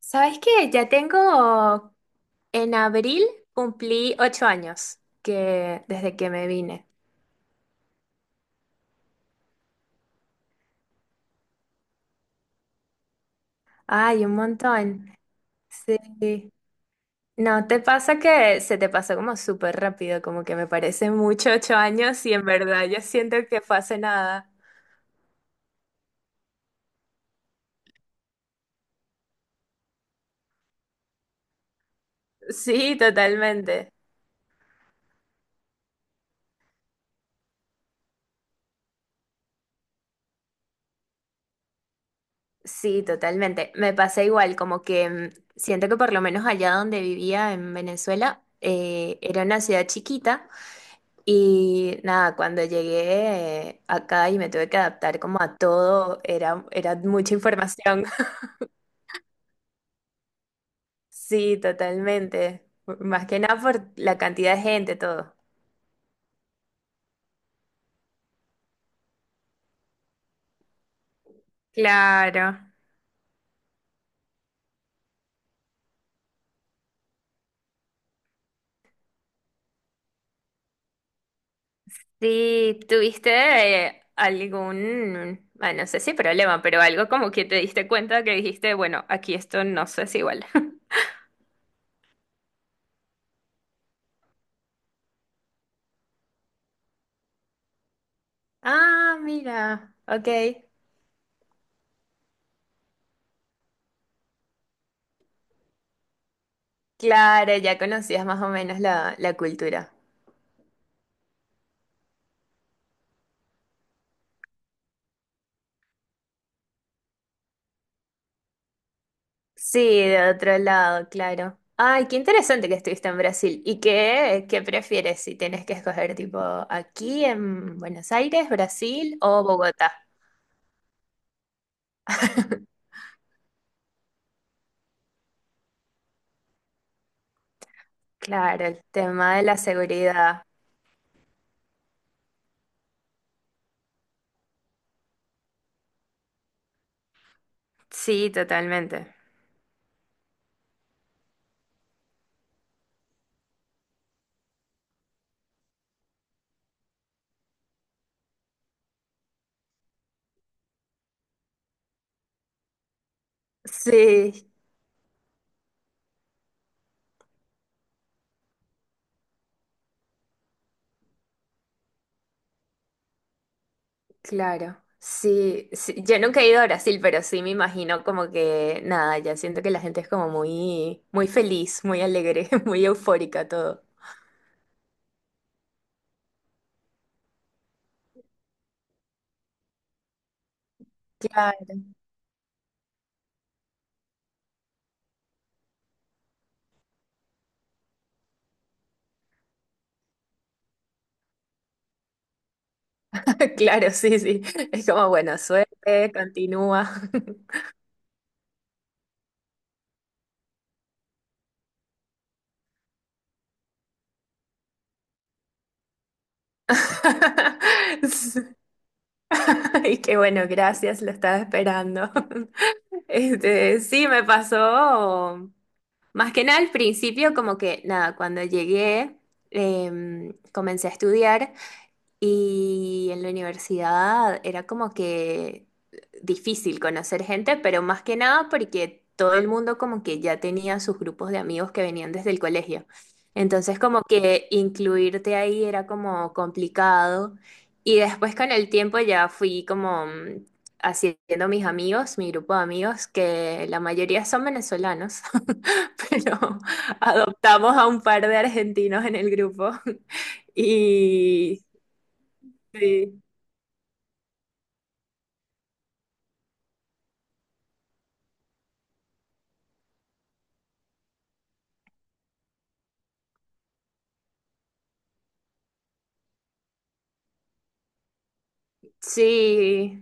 ¿Sabes qué? Ya tengo, en abril cumplí ocho años que, desde que me vine. Ay, un montón. Sí. ¿No te pasa que se te pasó como súper rápido? Como que me parece mucho ocho años y en verdad yo siento que fue hace nada. Sí, totalmente. Sí, totalmente. Me pasa igual, como que siento que por lo menos allá donde vivía en Venezuela, era una ciudad chiquita. Y nada, cuando llegué acá y me tuve que adaptar como a todo, era mucha información. Sí, totalmente. Más que nada por la cantidad de gente, todo. Claro. Sí, ¿tuviste algún, no sé si problema, pero algo como que te diste cuenta que dijiste, bueno, aquí esto no sé si igual. Ah, mira, ok. Claro, ya conocías más o menos la cultura. Sí, de otro lado, claro. Ay, qué interesante que estuviste en Brasil. ¿Y qué prefieres si tienes que escoger tipo aquí en Buenos Aires, Brasil o Bogotá? Claro, el tema de la seguridad. Sí, totalmente. Sí, claro. Sí, sí, yo nunca he ido a Brasil, pero sí me imagino como que nada, ya siento que la gente es como muy feliz, muy alegre, muy eufórica todo. Claro. Claro, sí, sí. Es como, bueno, suerte, continúa. Y qué bueno, gracias, lo estaba esperando. Este, sí, me pasó. Más que nada al principio, como que nada, cuando llegué, comencé a estudiar. Y en la universidad era como que difícil conocer gente, pero más que nada porque todo el mundo como que ya tenía sus grupos de amigos que venían desde el colegio. Entonces como que incluirte ahí era como complicado. Y después con el tiempo ya fui como haciendo mis amigos, mi grupo de amigos, que la mayoría son venezolanos, pero adoptamos a un par de argentinos en el grupo. Y sí. Sí,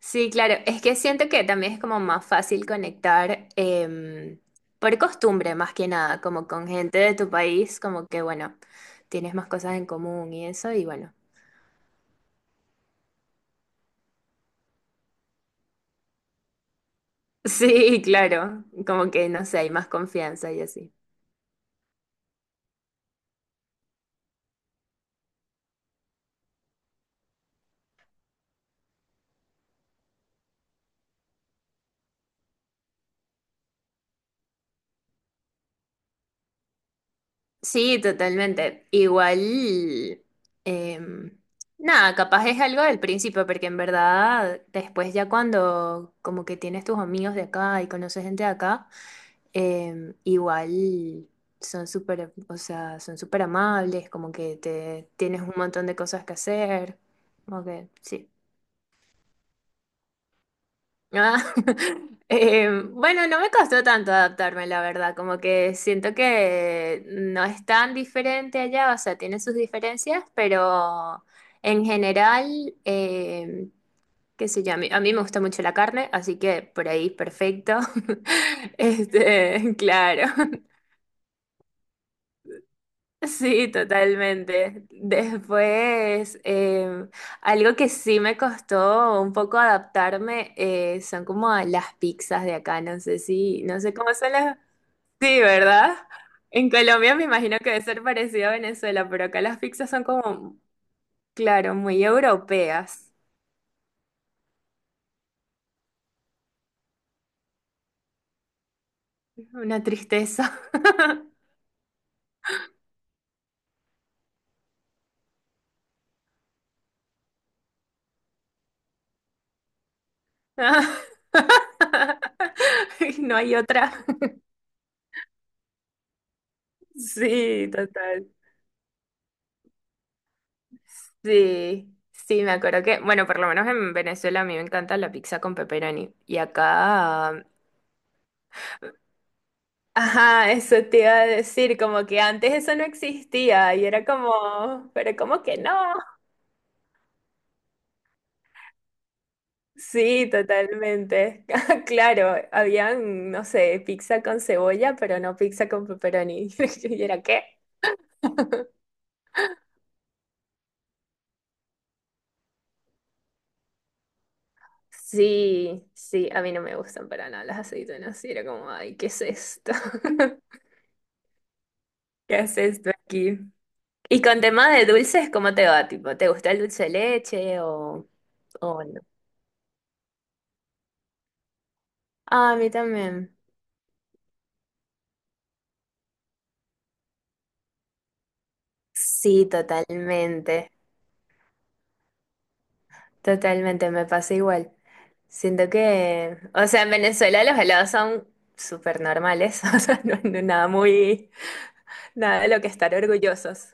sí, claro. Es que siento que también es como más fácil conectar por costumbre, más que nada, como con gente de tu país, como que, bueno, tienes más cosas en común y eso, y bueno. Sí, claro, como que, no sé, hay más confianza y así. Sí, totalmente. Igual, em, nada, capaz es algo del principio, porque en verdad después ya cuando como que tienes tus amigos de acá y conoces gente de acá. Em, igual son súper, o sea, son súper amables, como que te tienes un montón de cosas que hacer, como que sí. Ah, bueno, no me costó tanto adaptarme, la verdad, como que siento que no es tan diferente allá, o sea, tiene sus diferencias, pero en general, qué sé yo, a mí me gusta mucho la carne, así que por ahí perfecto. Este, claro. Sí, totalmente. Después, algo que sí me costó un poco adaptarme son como a las pizzas de acá. No sé cómo son las. Sí, ¿verdad? En Colombia me imagino que debe ser parecido a Venezuela, pero acá las pizzas son como, claro, muy europeas. Una tristeza. No hay otra. Sí, total. Sí, sí, me acuerdo que, bueno, por lo menos en Venezuela a mí me encanta la pizza con pepperoni. Y acá, ajá, eso te iba a decir, como que antes eso no existía y era como, pero ¿cómo que no? Sí, totalmente. Claro, habían, no sé, pizza con cebolla, pero no pizza con pepperoni. ¿Y era qué? Sí, sí, a mí no me gustan para nada las aceitunas. Y era como, ay, ¿qué es esto? ¿Qué es esto aquí? Y con tema de dulces, ¿cómo te va? Tipo, ¿te gusta el dulce de leche o no? Ah, a mí también. Sí, totalmente. Totalmente, me pasa igual. Siento que, o sea, en Venezuela los helados son súper normales, o sea, no nada muy, nada de lo que estar orgullosos.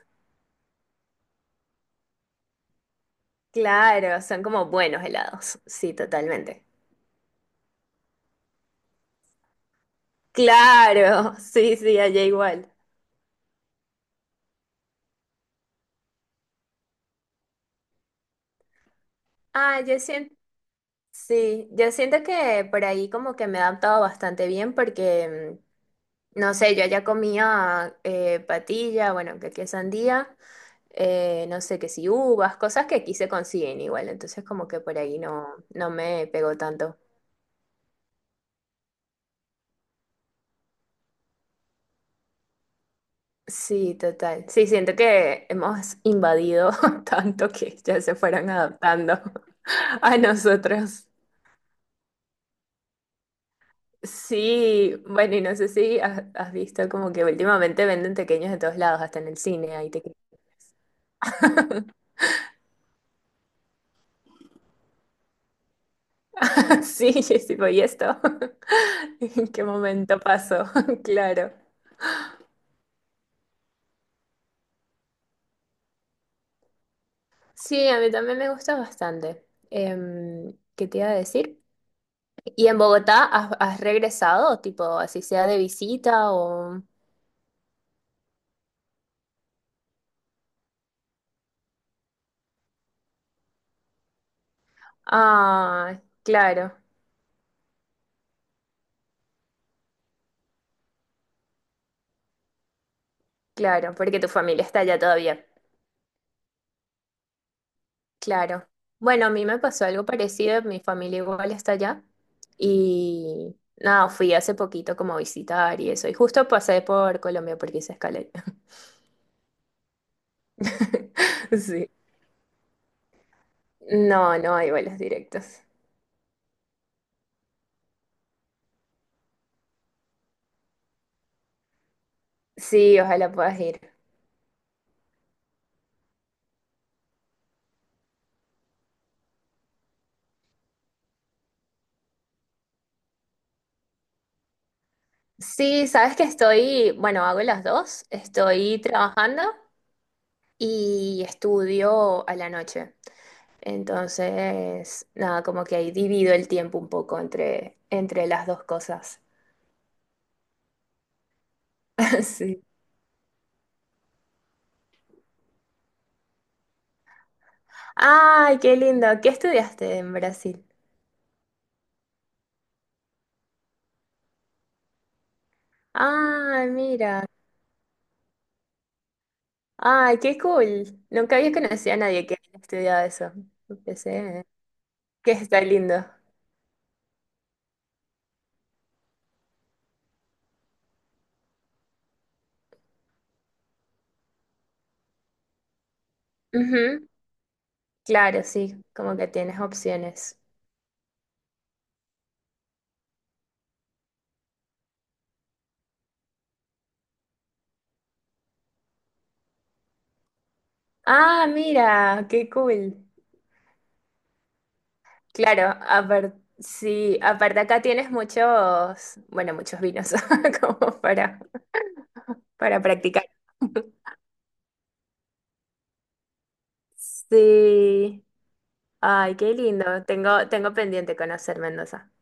Claro, son como buenos helados, sí, totalmente. Claro, sí, sí, allá igual. Ah, yo siento. Sí, yo siento que por ahí como que me he adaptado bastante bien porque, no sé, yo ya comía patilla, bueno, que aquí es sandía, no sé, que si uvas, cosas que aquí se consiguen igual, entonces como que por ahí no, no me pegó tanto. Sí, total. Sí, siento que hemos invadido tanto que ya se fueron adaptando a nosotros. Sí, bueno, y no sé si has visto como que últimamente venden tequeños de todos lados, hasta en el cine, ahí te... Sí, yo sí, pues, ¿y esto? ¿En qué momento pasó? Claro. Sí, a mí también me gusta bastante. Em, ¿qué te iba a decir? ¿Y en Bogotá has regresado, tipo, así sea de visita o...? Ah, claro, claro, porque tu familia está allá todavía. Claro. Bueno, a mí me pasó algo parecido, mi familia igual está allá. Y nada, fui hace poquito como a visitar y eso. Y justo pasé por Colombia porque hice escala. Sí. No, no hay vuelos directos. Sí, ojalá puedas ir. Sí, sabes que estoy, bueno, hago las dos. Estoy trabajando y estudio a la noche. Entonces, nada, como que ahí divido el tiempo un poco entre las dos cosas. Sí. Ay, qué lindo. ¿Qué estudiaste en Brasil? Ay, mira. Ay, qué cool. Nunca había conocido a nadie que haya estudiado eso. Empecé. Que está lindo. Ujú. Claro, sí, como que tienes opciones. Ah, mira, qué cool. Claro, aparte, sí, aparte acá tienes muchos, bueno, muchos vinos como para practicar. Sí, ay, qué lindo. Tengo pendiente conocer Mendoza.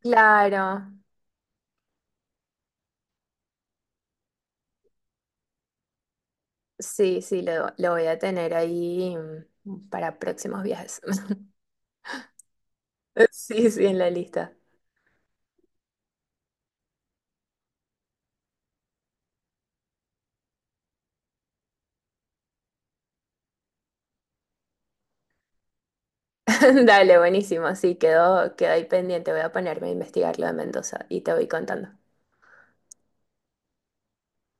Claro, sí, sí, lo voy a tener ahí para próximos viajes. Sí, sí, en la lista. Dale, buenísimo. Sí, quedó ahí pendiente. Voy a ponerme a investigar lo de Mendoza y te voy contando.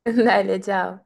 Dale, chao.